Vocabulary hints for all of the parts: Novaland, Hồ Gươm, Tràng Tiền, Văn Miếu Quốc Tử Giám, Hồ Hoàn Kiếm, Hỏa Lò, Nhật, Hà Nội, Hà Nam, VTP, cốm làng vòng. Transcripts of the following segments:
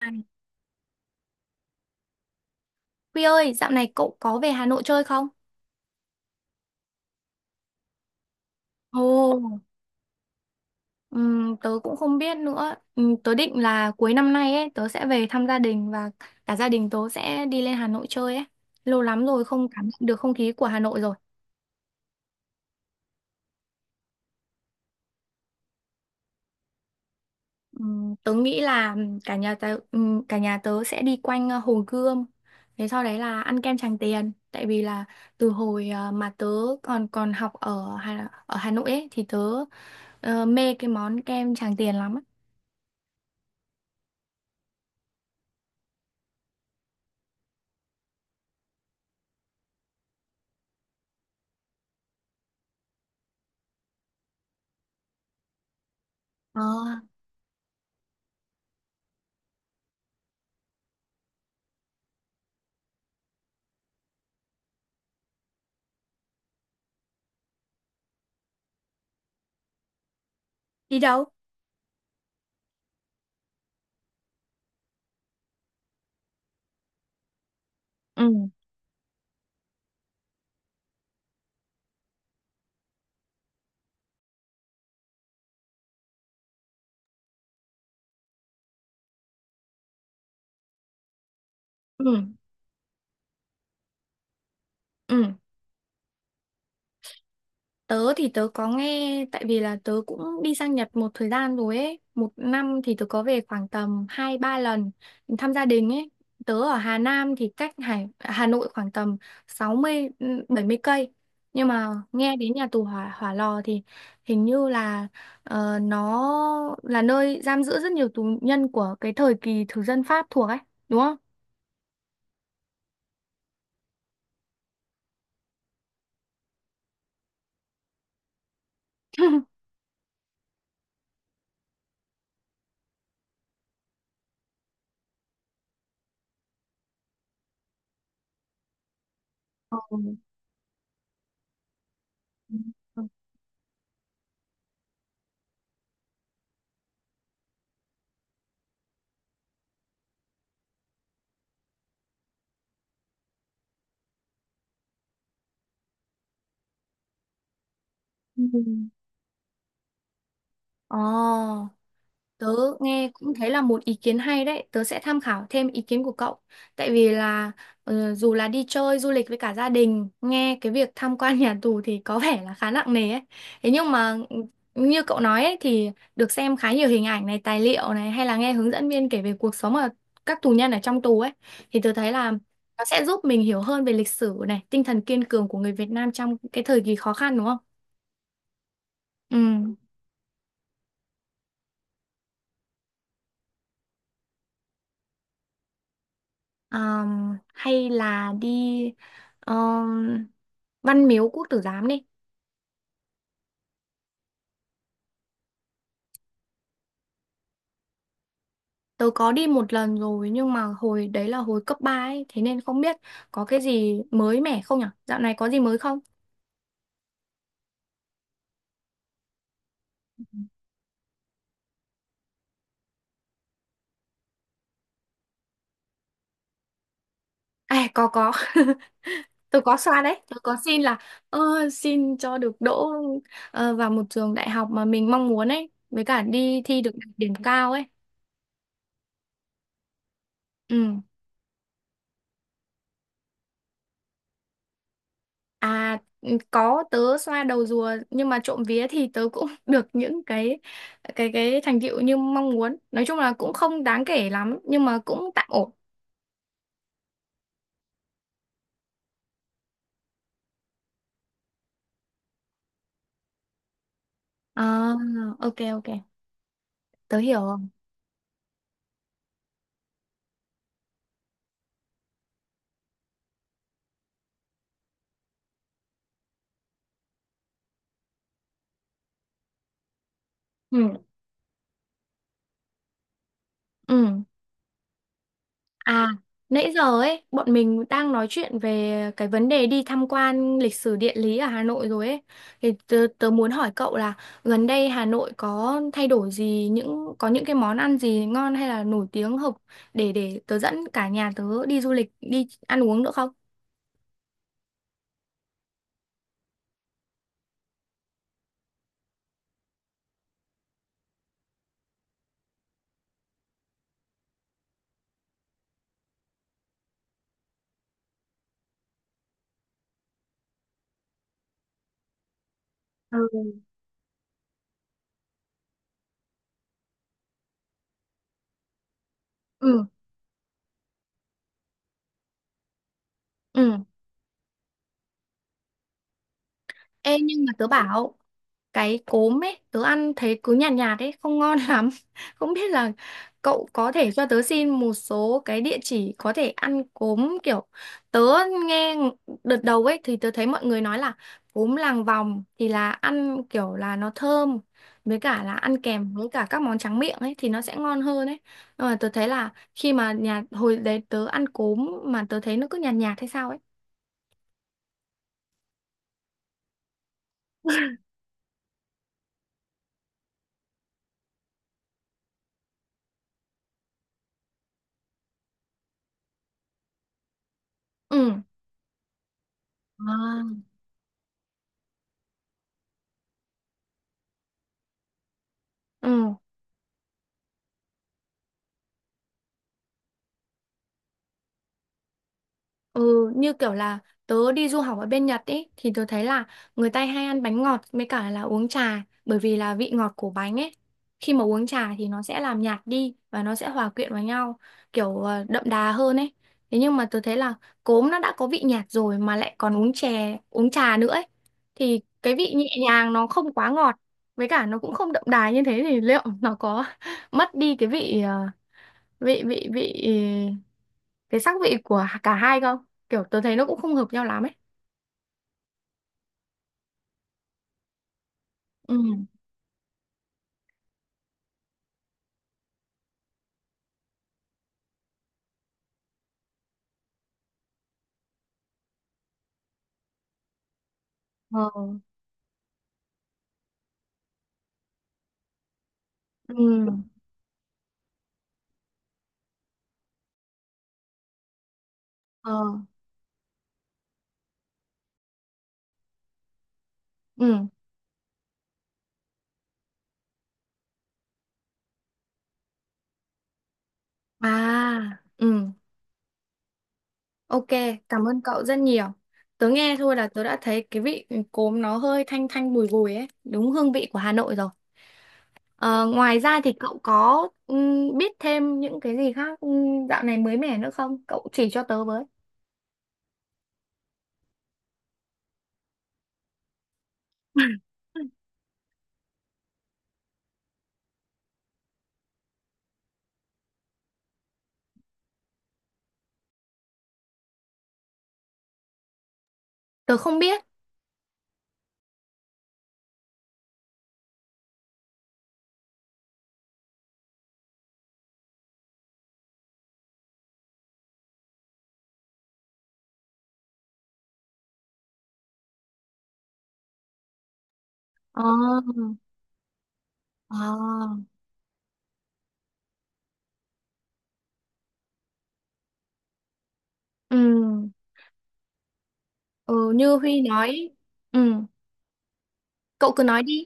À, Huy ơi, dạo này cậu có về Hà Nội chơi không? Ồ, tớ cũng không biết nữa. Tớ định là cuối năm nay ấy, tớ sẽ về thăm gia đình và cả gia đình tớ sẽ đi lên Hà Nội chơi ấy. Lâu lắm rồi không cảm nhận được không khí của Hà Nội rồi. Tớ nghĩ là cả nhà tớ sẽ đi quanh Hồ Gươm. Thế sau đấy là ăn kem Tràng Tiền. Tại vì là từ hồi mà tớ còn còn học ở Hà Nội ấy thì tớ mê cái món kem Tràng Tiền lắm á. Ờ, đi đâu? Ừ, ừ, ừ, tớ thì tớ có nghe, tại vì là tớ cũng đi sang Nhật một thời gian rồi ấy, một năm thì tớ có về khoảng tầm hai ba lần thăm gia đình ấy. Tớ ở Hà Nam thì cách Hà Nội khoảng tầm 60, ừ, 70 cây, nhưng mà nghe đến nhà tù hỏa Hỏa Lò thì hình như là nó là nơi giam giữ rất nhiều tù nhân của cái thời kỳ thực dân Pháp thuộc ấy, đúng không? Ừ. Ừ. Ừ. Ồ. Tớ nghe cũng thấy là một ý kiến hay đấy, tớ sẽ tham khảo thêm ý kiến của cậu. Tại vì là dù là đi chơi du lịch với cả gia đình, nghe cái việc tham quan nhà tù thì có vẻ là khá nặng nề ấy. Thế nhưng mà ừ, như cậu nói ấy, thì được xem khá nhiều hình ảnh này, tài liệu này, hay là nghe hướng dẫn viên kể về cuộc sống ở các tù nhân ở trong tù ấy, thì tớ thấy là nó sẽ giúp mình hiểu hơn về lịch sử này, tinh thần kiên cường của người Việt Nam trong cái thời kỳ khó khăn, đúng không? Ừ. Hay là đi ờm, Văn Miếu Quốc Tử Giám đi. Tớ có đi một lần rồi nhưng mà hồi đấy là hồi cấp ba ấy, thế nên không biết có cái gì mới mẻ không nhở. Dạo này có gì mới không? À, có có. Tớ có xoa đấy, tớ có xin là ơ, xin cho được đỗ vào một trường đại học mà mình mong muốn ấy, với cả đi thi được điểm cao ấy. Ừ. À ừ, có, tớ xoa đầu rùa nhưng mà trộm vía thì tớ cũng được những cái thành tựu như mong muốn. Nói chung là cũng không đáng kể lắm nhưng mà cũng tạm ổn. À, ok ok. Tớ hiểu rồi. Ừ. Ừ. À, nãy giờ ấy, bọn mình đang nói chuyện về cái vấn đề đi tham quan lịch sử địa lý ở Hà Nội rồi ấy. Thì tớ muốn hỏi cậu là gần đây Hà Nội có thay đổi gì, những có những cái món ăn gì ngon hay là nổi tiếng hợp để tớ dẫn cả nhà tớ đi du lịch, đi ăn uống nữa không? Ừ. Ừ. Ừ. Ê nhưng mà tớ bảo cái cốm ấy, tớ ăn thấy cứ nhạt nhạt ấy, không ngon lắm, không biết là cậu có thể cho tớ xin một số cái địa chỉ có thể ăn cốm, kiểu tớ nghe đợt đầu ấy thì tớ thấy mọi người nói là cốm làng vòng thì là ăn kiểu là nó thơm, với cả là ăn kèm với cả các món tráng miệng ấy thì nó sẽ ngon hơn ấy, nhưng mà tớ thấy là khi mà nhà hồi đấy tớ ăn cốm mà tớ thấy nó cứ nhạt nhạt hay sao ấy. Ừ. À. Ừ. Ừ, như kiểu là tớ đi du học ở bên Nhật ấy thì tớ thấy là người ta hay ăn bánh ngọt với cả là uống trà, bởi vì là vị ngọt của bánh ấy khi mà uống trà thì nó sẽ làm nhạt đi và nó sẽ hòa quyện vào nhau, kiểu đậm đà hơn ấy. Thế nhưng mà tớ thấy là cốm nó đã có vị nhạt rồi mà lại còn uống chè, uống trà nữa ấy thì cái vị nhẹ nhàng nó không quá ngọt, với cả nó cũng không đậm đà như thế, thì liệu nó có mất đi cái vị ờ, vị vị vị cái sắc vị của cả hai không, kiểu tớ thấy nó cũng không hợp nhau lắm ấy. Ừ. Ờ. Ừ. Ờ. Ừ. À. Ừ. Ok, cảm ơn cậu rất nhiều, tớ nghe thôi là tớ đã thấy cái vị cốm nó hơi thanh thanh bùi bùi ấy, đúng hương vị của Hà Nội rồi. Ờ, Ngoài ra thì cậu có biết thêm những cái gì khác dạo này mới mẻ nữa không, cậu chỉ cho tớ với. Tớ không biết. Ờ. Ờ. Ừ. Ừ, như Huy nói. Ừ. Cậu cứ nói đi.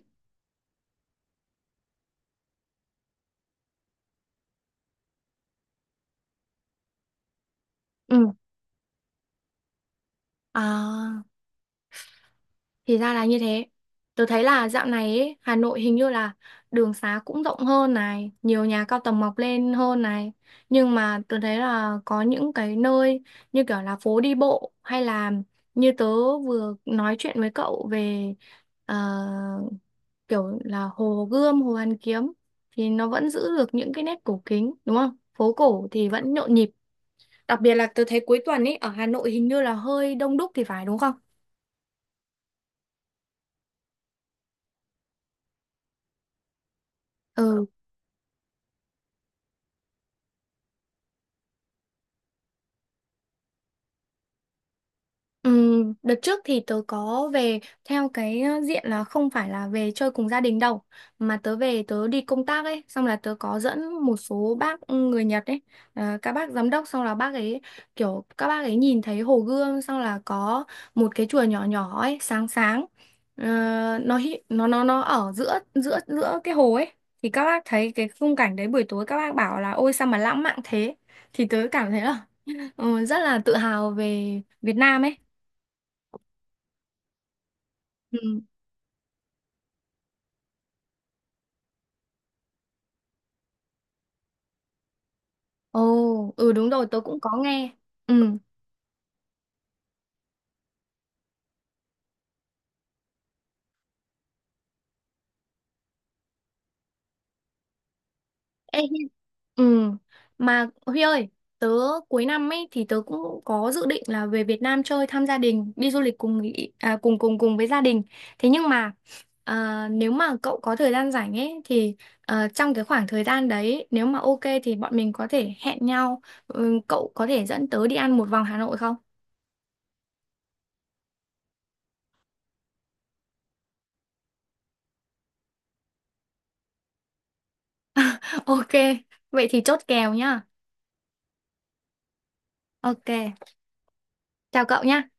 Ừ. À, thì ra là như thế. Tớ thấy là dạo này ấy, Hà Nội hình như là đường xá cũng rộng hơn này, nhiều nhà cao tầng mọc lên hơn này. Nhưng mà tớ thấy là có những cái nơi như kiểu là phố đi bộ, hay là như tớ vừa nói chuyện với cậu về ờ, kiểu là Hồ Gươm, Hồ Hoàn Kiếm thì nó vẫn giữ được những cái nét cổ kính, đúng không? Phố cổ thì vẫn nhộn nhịp. Đặc biệt là tớ thấy cuối tuần ấy ở Hà Nội hình như là hơi đông đúc thì phải, đúng không? Ừ. Ừm, đợt trước thì tớ có về theo cái diện là không phải là về chơi cùng gia đình đâu, mà tớ về tớ đi công tác ấy, xong là tớ có dẫn một số bác ừ, người Nhật ấy, các bác giám đốc, xong là bác ấy, kiểu các bác ấy nhìn thấy hồ gươm xong là có một cái chùa nhỏ nhỏ ấy, sáng sáng. Ờ, nó hi- nó ở giữa giữa giữa cái hồ ấy, thì các bác thấy cái khung cảnh đấy buổi tối, các bác bảo là ôi sao mà lãng mạn thế, thì tớ cảm thấy là ờ, rất là tự hào về Việt Nam ấy. Ừ. Ồ, ừ đúng rồi, tớ cũng có nghe. Ừ. Ê, Hi- ừ. Mà Huy ơi, tớ cuối năm ấy thì tớ cũng có dự định là về Việt Nam chơi thăm gia đình, đi du lịch à, cùng cùng cùng với gia đình. Thế nhưng mà à, nếu mà cậu có thời gian rảnh ấy thì à, trong cái khoảng thời gian đấy nếu mà ok thì bọn mình có thể hẹn nhau. Ừ, cậu có thể dẫn tớ đi ăn một vòng Hà Nội không? Ok, vậy thì chốt kèo nhá. Ok, chào cậu nhá.